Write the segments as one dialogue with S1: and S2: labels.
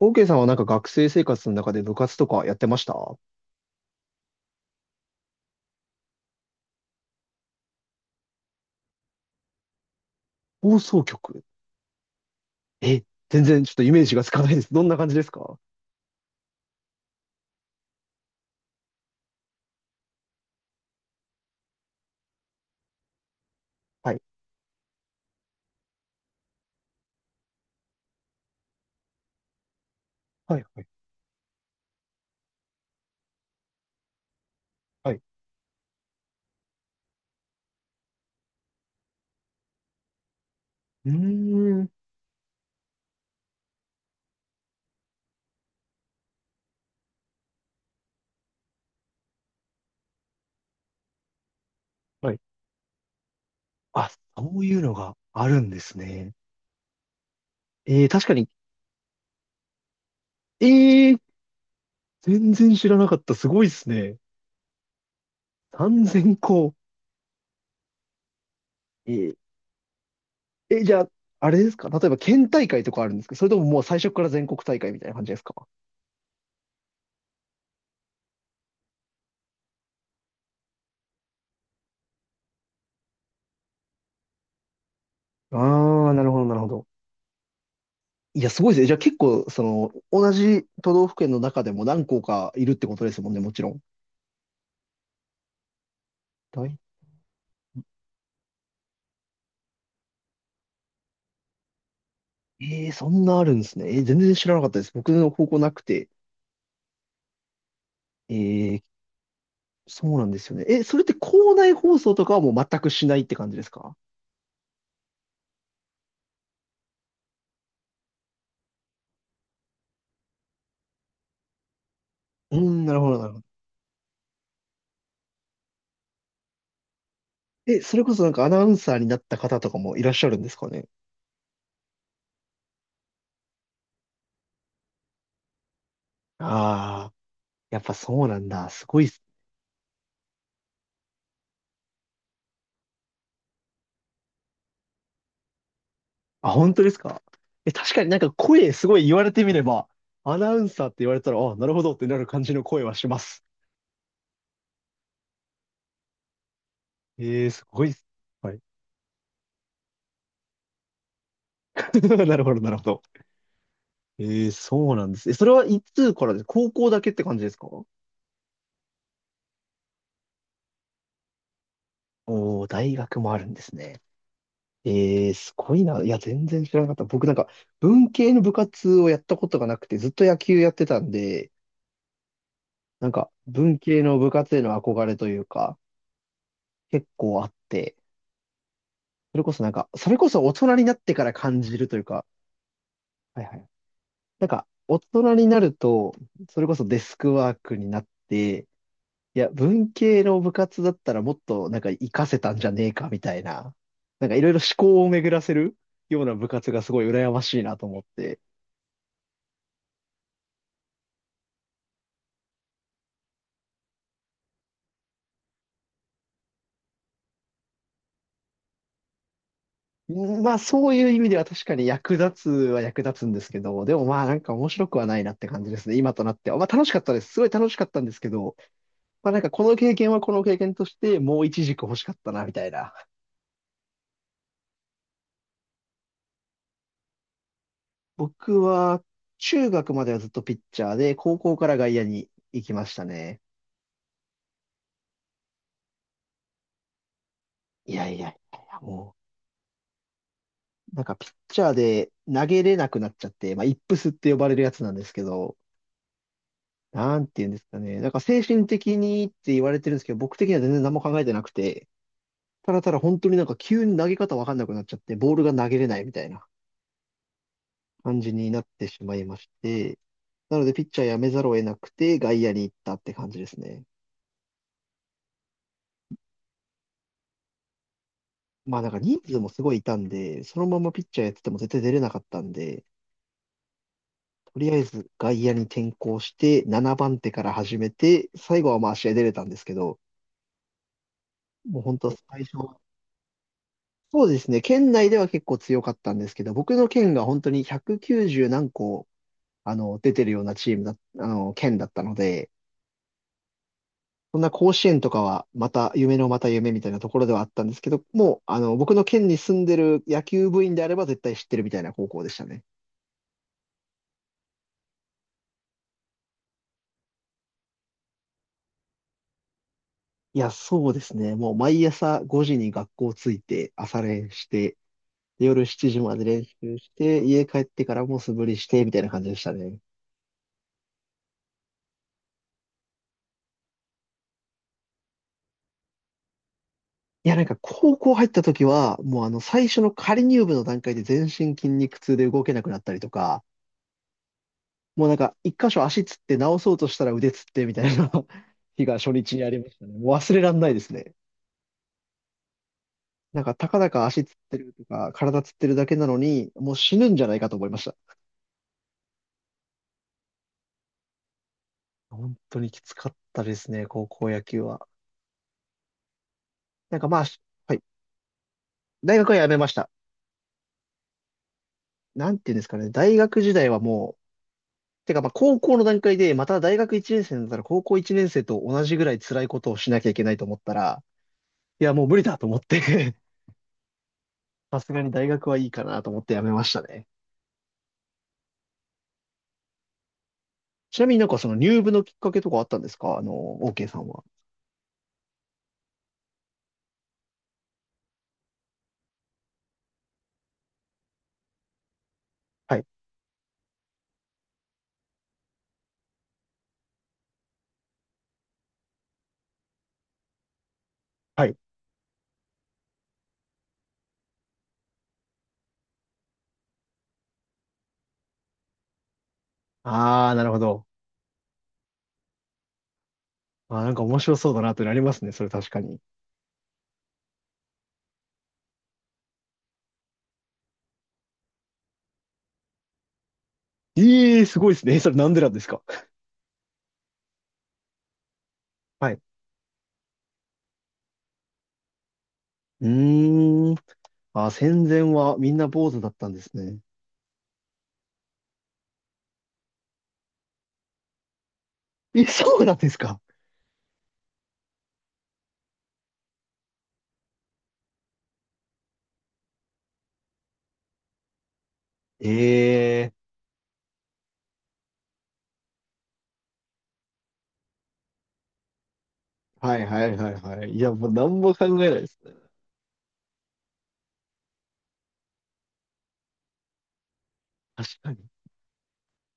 S1: OK さんはなんか学生生活の中で部活とかやってました？放送局？え、全然ちょっとイメージがつかないです。どんな感じですか？はい。はい、はい、はい。うーん。はい。あ、そういうのがあるんですね。えー、確かに。えー、全然知らなかった。すごいですね。3000校。えー、え、じゃあ、あれですか？例えば県大会とかあるんですか？それとももう最初から全国大会みたいな感じですか？ああー、なるほど、なるほど。いや、すごいですね。じゃあ結構、その、同じ都道府県の中でも何校かいるってことですもんね、もちろん。大えー、そんなあるんですね。えー全然知らなかったです。僕の高校なくて。えー、そうなんですよね。え、それって校内放送とかはもう全くしないって感じですか？うーん、なるほど、なるほど。え、それこそなんかアナウンサーになった方とかもいらっしゃるんですかね？ああ、やっぱそうなんだ。すごいっす。あ、本当ですか？え、確かになんか声すごい言われてみれば、アナウンサーって言われたら、あ、なるほどってなる感じの声はします。ええすごいっす。はい。なるほど、なるほど。ええそうなんです。え、それはいつからです？高校だけって感じですか？おー、大学もあるんですね。ええすごいな。いや、全然知らなかった。僕なんか、文系の部活をやったことがなくて、ずっと野球やってたんで、なんか、文系の部活への憧れというか、結構あって、それこそなんか、それこそ大人になってから感じるというか、はいはい。なんか、大人になると、それこそデスクワークになって、いや、文系の部活だったらもっとなんか活かせたんじゃねえかみたいな、なんかいろいろ思考を巡らせるような部活がすごい羨ましいなと思って。うんまあそういう意味では確かに役立つは役立つんですけど、でもまあなんか面白くはないなって感じですね、今となっては。まあ楽しかったです。すごい楽しかったんですけど、まあなんかこの経験はこの経験としてもう一軸欲しかったなみたいな。僕は中学まではずっとピッチャーで、高校から外野に行きましたね。いやいやいやいや、もう。なんかピッチャーで投げれなくなっちゃって、まあ、イップスって呼ばれるやつなんですけど、なんて言うんですかね。なんか精神的にって言われてるんですけど、僕的には全然何も考えてなくて、ただただ本当になんか急に投げ方わかんなくなっちゃって、ボールが投げれないみたいな感じになってしまいまして、なのでピッチャーやめざるを得なくて外野に行ったって感じですね。まあなんか人数もすごいいたんで、そのままピッチャーやってても絶対出れなかったんで、とりあえず外野に転向して、7番手から始めて、最後はまあ試合出れたんですけど、もう本当最初は、そうですね、県内では結構強かったんですけど、僕の県が本当に190何個、出てるようなチームだ、県だったので、そんな甲子園とかはまた夢のまた夢みたいなところではあったんですけど、もう、僕の県に住んでる野球部員であれば絶対知ってるみたいな高校でしたね。いや、そうですね。もう毎朝5時に学校着いて朝練して、で夜7時まで練習して、家帰ってからも素振りして、みたいな感じでしたね。いや、なんか高校入った時は、もうあの最初の仮入部の段階で全身筋肉痛で動けなくなったりとか、もうなんか一箇所足つって直そうとしたら腕つってみたいな 日が初日にありましたね。もう忘れらんないですね。なんかたかだか足つってるとか体つってるだけなのに、もう死ぬんじゃないかと思いました。本当にきつかったですね、高校野球は。なんかまあ、はい。大学はやめました。なんていうんですかね。大学時代はもてか、まあ、高校の段階で、また大学1年生になったら、高校1年生と同じぐらい辛いことをしなきゃいけないと思ったら、いや、もう無理だと思って さすがに大学はいいかなと思ってやめましたね。ちなみになんかその入部のきっかけとかあったんですか？OK さんは。はい。はい。ああ、なるほど。あー、なんか面白そうだなってなりますね。それ確かに。ええー、すごいですね。それなんでなんですか？はい。うーん。あー、戦前はみんな坊主だったんですね。え、そうなんですか？ええはいはいはいはい。いや、もう何も考えないですね。確かに。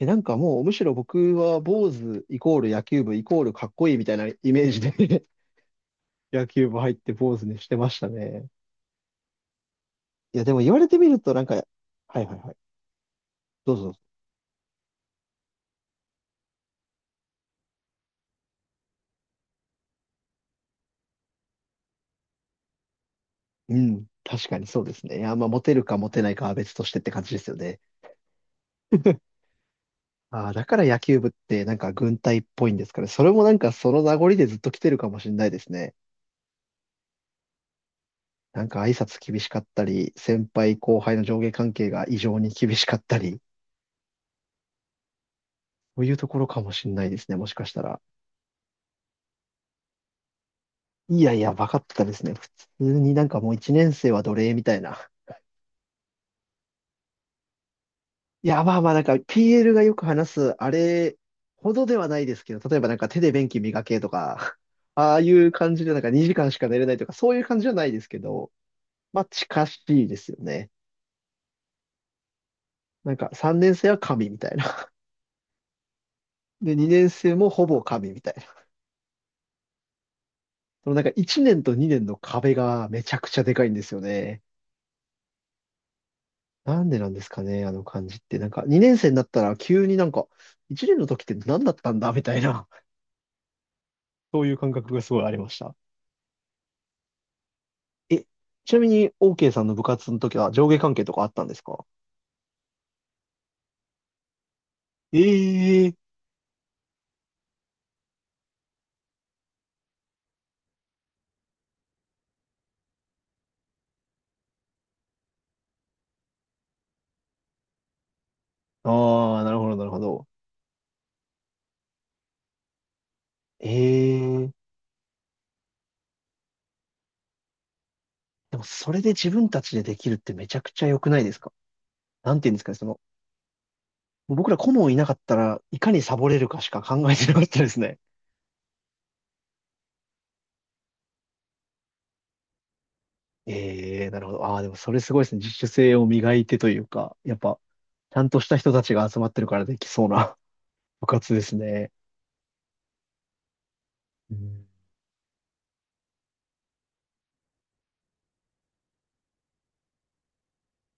S1: え、なんかもうむしろ僕は坊主イコール野球部イコールかっこいいみたいなイメージで 野球部入って坊主にしてましたね。いや、でも言われてみるとなんか、はいはいはい。どうぞ。うん。確かにそうですね。いや、まあモテるかモテないかは別としてって感じですよね。ああ、だから野球部ってなんか軍隊っぽいんですかね。それもなんかその名残でずっと来てるかもしれないですね。なんか挨拶厳しかったり、先輩後輩の上下関係が異常に厳しかったり。そういうところかもしんないですね、もしかしたら。いやいや、バカってたですね。普通になんかもう一年生は奴隷みたいな。いや、まあまあなんか PL がよく話す、あれほどではないですけど、例えばなんか手で便器磨けとか、ああいう感じでなんか2時間しか寝れないとか、そういう感じじゃないですけど、まあ近しいですよね。なんか3年生は神みたいな。で、2年生もほぼ神みたいな。そのなんか1年と2年の壁がめちゃくちゃでかいんですよね。なんでなんですかね、あの感じって。なんか、2年生になったら急になんか、1年の時って何だったんだみたいな、そういう感覚がすごいありました。え、ちなみに、OK さんの部活の時は上下関係とかあったんですか？ええああー、なるほど、なるほど。ええでも、それで自分たちでできるってめちゃくちゃ良くないですか？なんて言うんですかね、その、僕ら顧問いなかったらいかにサボれるかしか考えてなかったですね。ええなるほど。ああ、でもそれすごいですね。自主性を磨いてというか、やっぱ、ちゃんとした人たちが集まってるからできそうな 部活ですね。うん